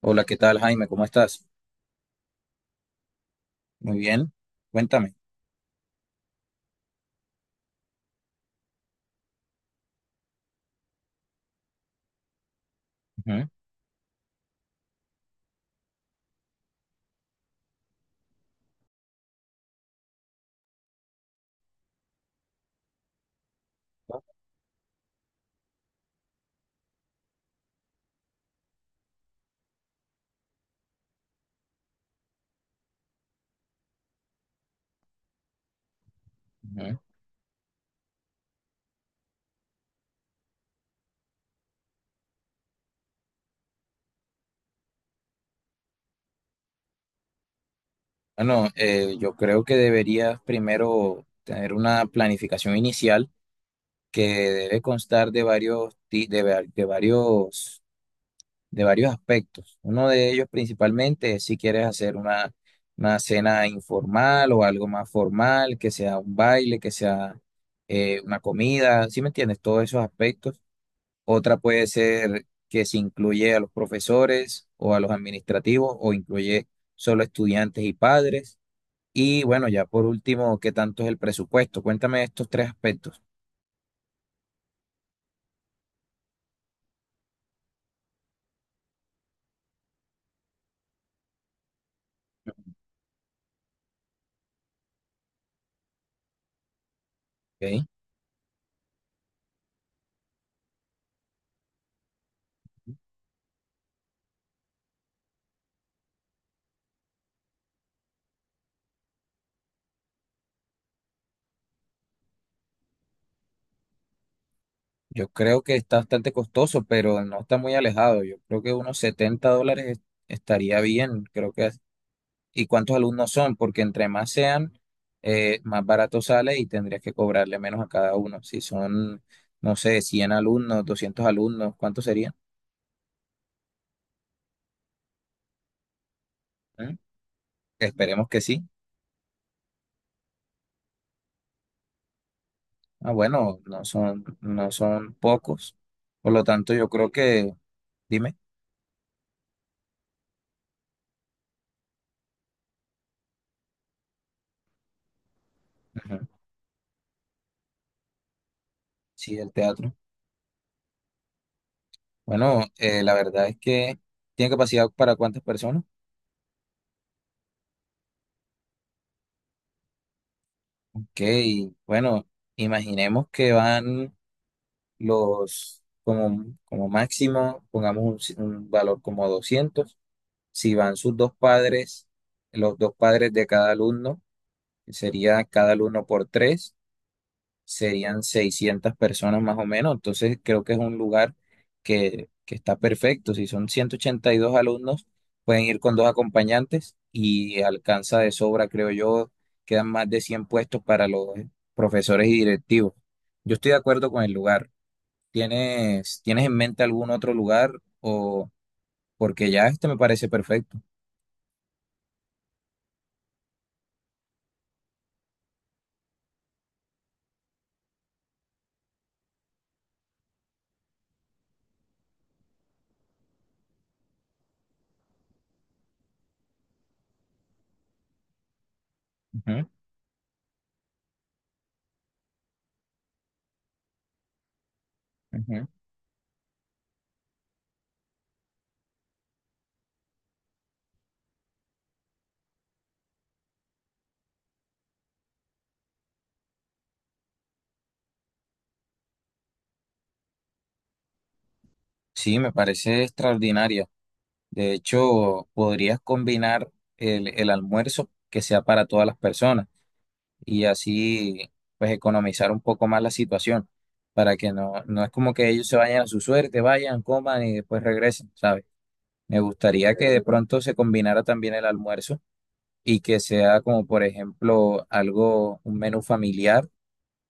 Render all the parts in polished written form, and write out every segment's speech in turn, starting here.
Hola, ¿qué tal, Jaime? ¿Cómo estás? Muy bien, cuéntame. Ujú, ujú. Bueno, yo creo que deberías primero tener una planificación inicial que debe constar de varios, ti- de, va- de varios aspectos. Uno de ellos principalmente es si quieres hacer una cena informal o algo más formal, que sea un baile, que sea una comida, ¿sí me entiendes? Todos esos aspectos. Otra puede ser que se incluye a los profesores o a los administrativos o incluye solo estudiantes y padres. Y bueno, ya por último, ¿qué tanto es el presupuesto? Cuéntame estos tres aspectos, ¿ok? Yo creo que está bastante costoso, pero no está muy alejado. Yo creo que unos $70 estaría bien, ¿Y cuántos alumnos son? Porque entre más sean, más barato sale y tendrías que cobrarle menos a cada uno. No sé, 100 alumnos, 200 alumnos, ¿cuántos serían? ¿Mm? Esperemos que sí. Ah, bueno, no son pocos. Por lo tanto, dime, ujú. Sí, el teatro. Bueno, la verdad es que tiene capacidad para cuántas personas. Ok, bueno, imaginemos que van los, como, como máximo, pongamos un valor como 200. Si van sus dos padres, los dos padres de cada alumno, que sería cada alumno por tres. Serían 600 personas más o menos, entonces creo que es un lugar que está perfecto. Si son 182 alumnos, pueden ir con dos acompañantes y alcanza de sobra, creo yo, quedan más de 100 puestos para los profesores y directivos. Yo estoy de acuerdo con el lugar. ¿Tienes en mente algún otro lugar o porque ya este me parece perfecto? Ujú, ujú. Sí, me parece extraordinaria. De hecho, podrías combinar el almuerzo que sea para todas las personas y así pues economizar un poco más la situación para que no es como que ellos se vayan a su suerte, vayan, coman y después regresen, ¿sabes? Me gustaría que de pronto se combinara también el almuerzo y que sea como por ejemplo algo, un menú familiar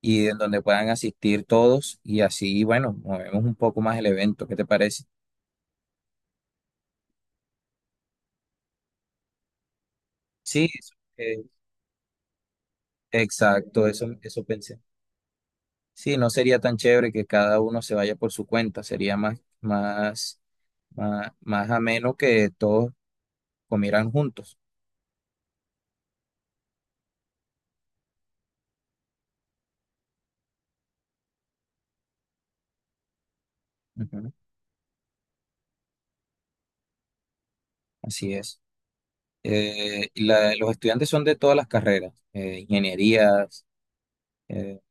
y en donde puedan asistir todos y así, bueno, movemos un poco más el evento, ¿qué te parece? Sí, exacto, eso pensé. Sí, no sería tan chévere que cada uno se vaya por su cuenta, sería más ameno que todos comieran juntos. Ujú, así es. Y los estudiantes son de todas las carreras, ingenierías. Eh,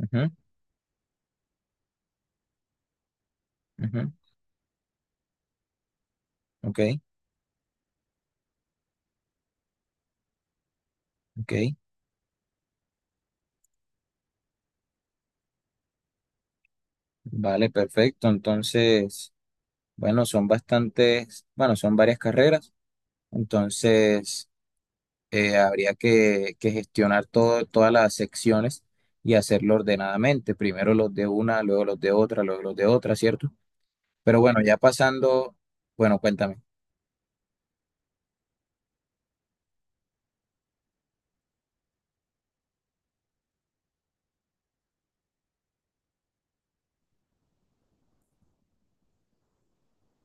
ujú, ujú, ok, ok, vale, perfecto. Entonces, bueno, son bastantes, bueno, son varias carreras. Entonces, que gestionar todo, todas las secciones y hacerlo ordenadamente. Primero los de una, luego los de otra, luego los de otra, ¿cierto? Pero bueno, ya pasando, bueno, cuéntame,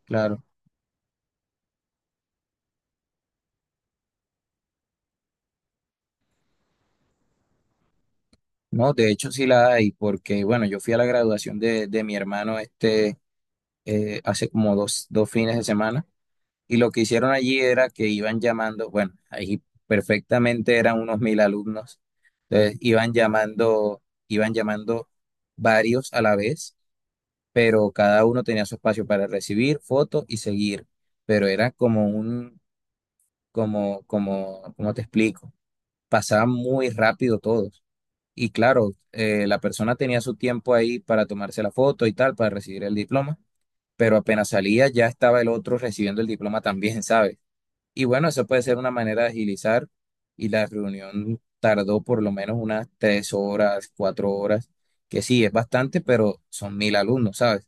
claro. No, de hecho sí la hay, porque bueno, yo fui a la graduación de mi hermano este hace como dos fines de semana y lo que hicieron allí era que iban llamando, bueno, ahí perfectamente eran unos 1000 alumnos, entonces iban llamando varios a la vez pero cada uno tenía su espacio para recibir fotos y seguir, pero era como ¿cómo te explico? Pasaba muy rápido todos. Y claro, la persona tenía su tiempo ahí para tomarse la foto y tal, para recibir el diploma, pero apenas salía ya estaba el otro recibiendo el diploma también, ¿sabes? Y bueno, eso puede ser una manera de agilizar y la reunión tardó por lo menos unas 3 horas, 4 horas, que sí, es bastante, pero son 1000 alumnos, ¿sabes?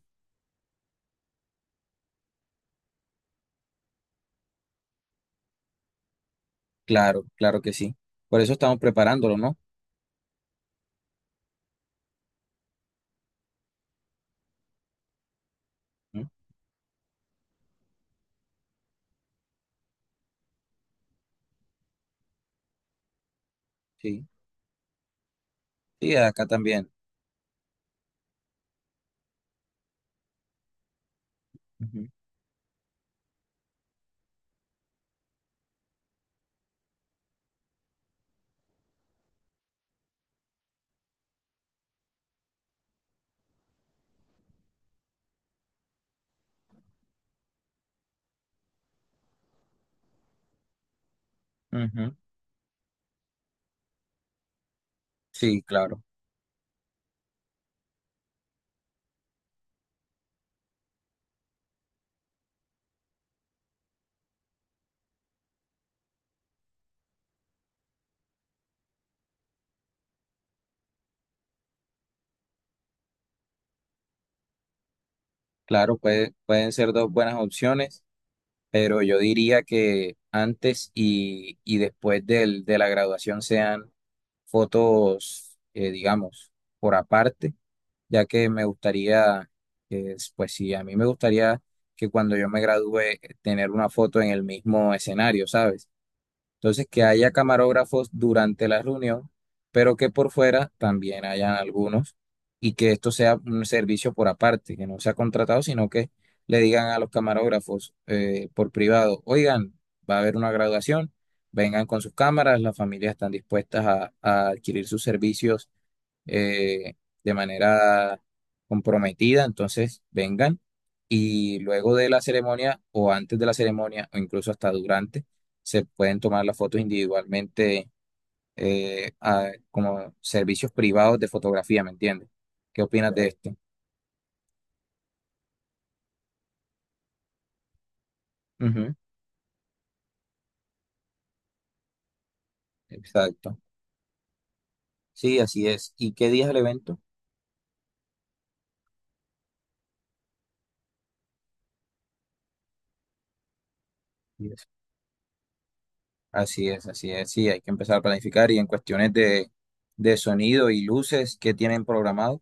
Claro, claro que sí. Por eso estamos preparándolo, ¿no? ¿Mm? Sí, sí, acá también. Ujú, ujú. Sí, claro, claro, pueden ser dos buenas opciones, pero yo diría que antes y después de la graduación sean fotos, digamos, por aparte, ya que me gustaría, pues sí, a mí me gustaría que cuando yo me gradúe tener una foto en el mismo escenario, ¿sabes? Entonces, que haya camarógrafos durante la reunión, pero que por fuera también hayan algunos y que esto sea un servicio por aparte, que no sea contratado, sino que le digan a los camarógrafos por privado, oigan, va a haber una graduación, vengan con sus cámaras, las familias están dispuestas a adquirir sus servicios eh, de manera comprometida, entonces vengan y luego de la ceremonia o antes de la ceremonia o incluso hasta durante, se pueden tomar las fotos individualmente como servicios privados de fotografía, ¿me entiendes? ¿Qué opinas de Claro esto? Ujú, exacto. Sí, así es. ¿Y qué día es el evento? Y así es, así es. Sí, hay que empezar a planificar y en cuestiones de sonido y luces que tienen programado.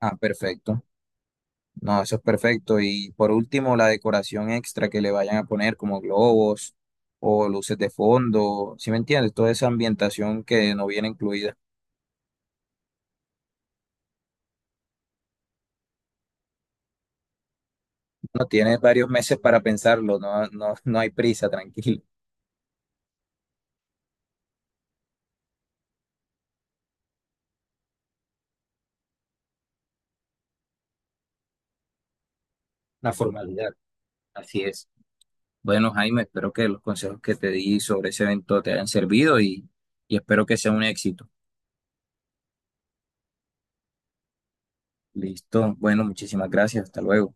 Ah, perfecto. No, eso es perfecto. Y por último, la decoración extra que le vayan a poner, como globos o luces de fondo, ¿sí me entiendes? Toda esa ambientación que no viene incluida. No tienes varios meses para pensarlo, no, no, no hay prisa, tranquilo. una formalidad, así es. Bueno, Jaime, espero que los consejos que te di sobre ese evento te hayan servido y espero que sea un éxito. Listo. Bueno, muchísimas gracias. Hasta luego.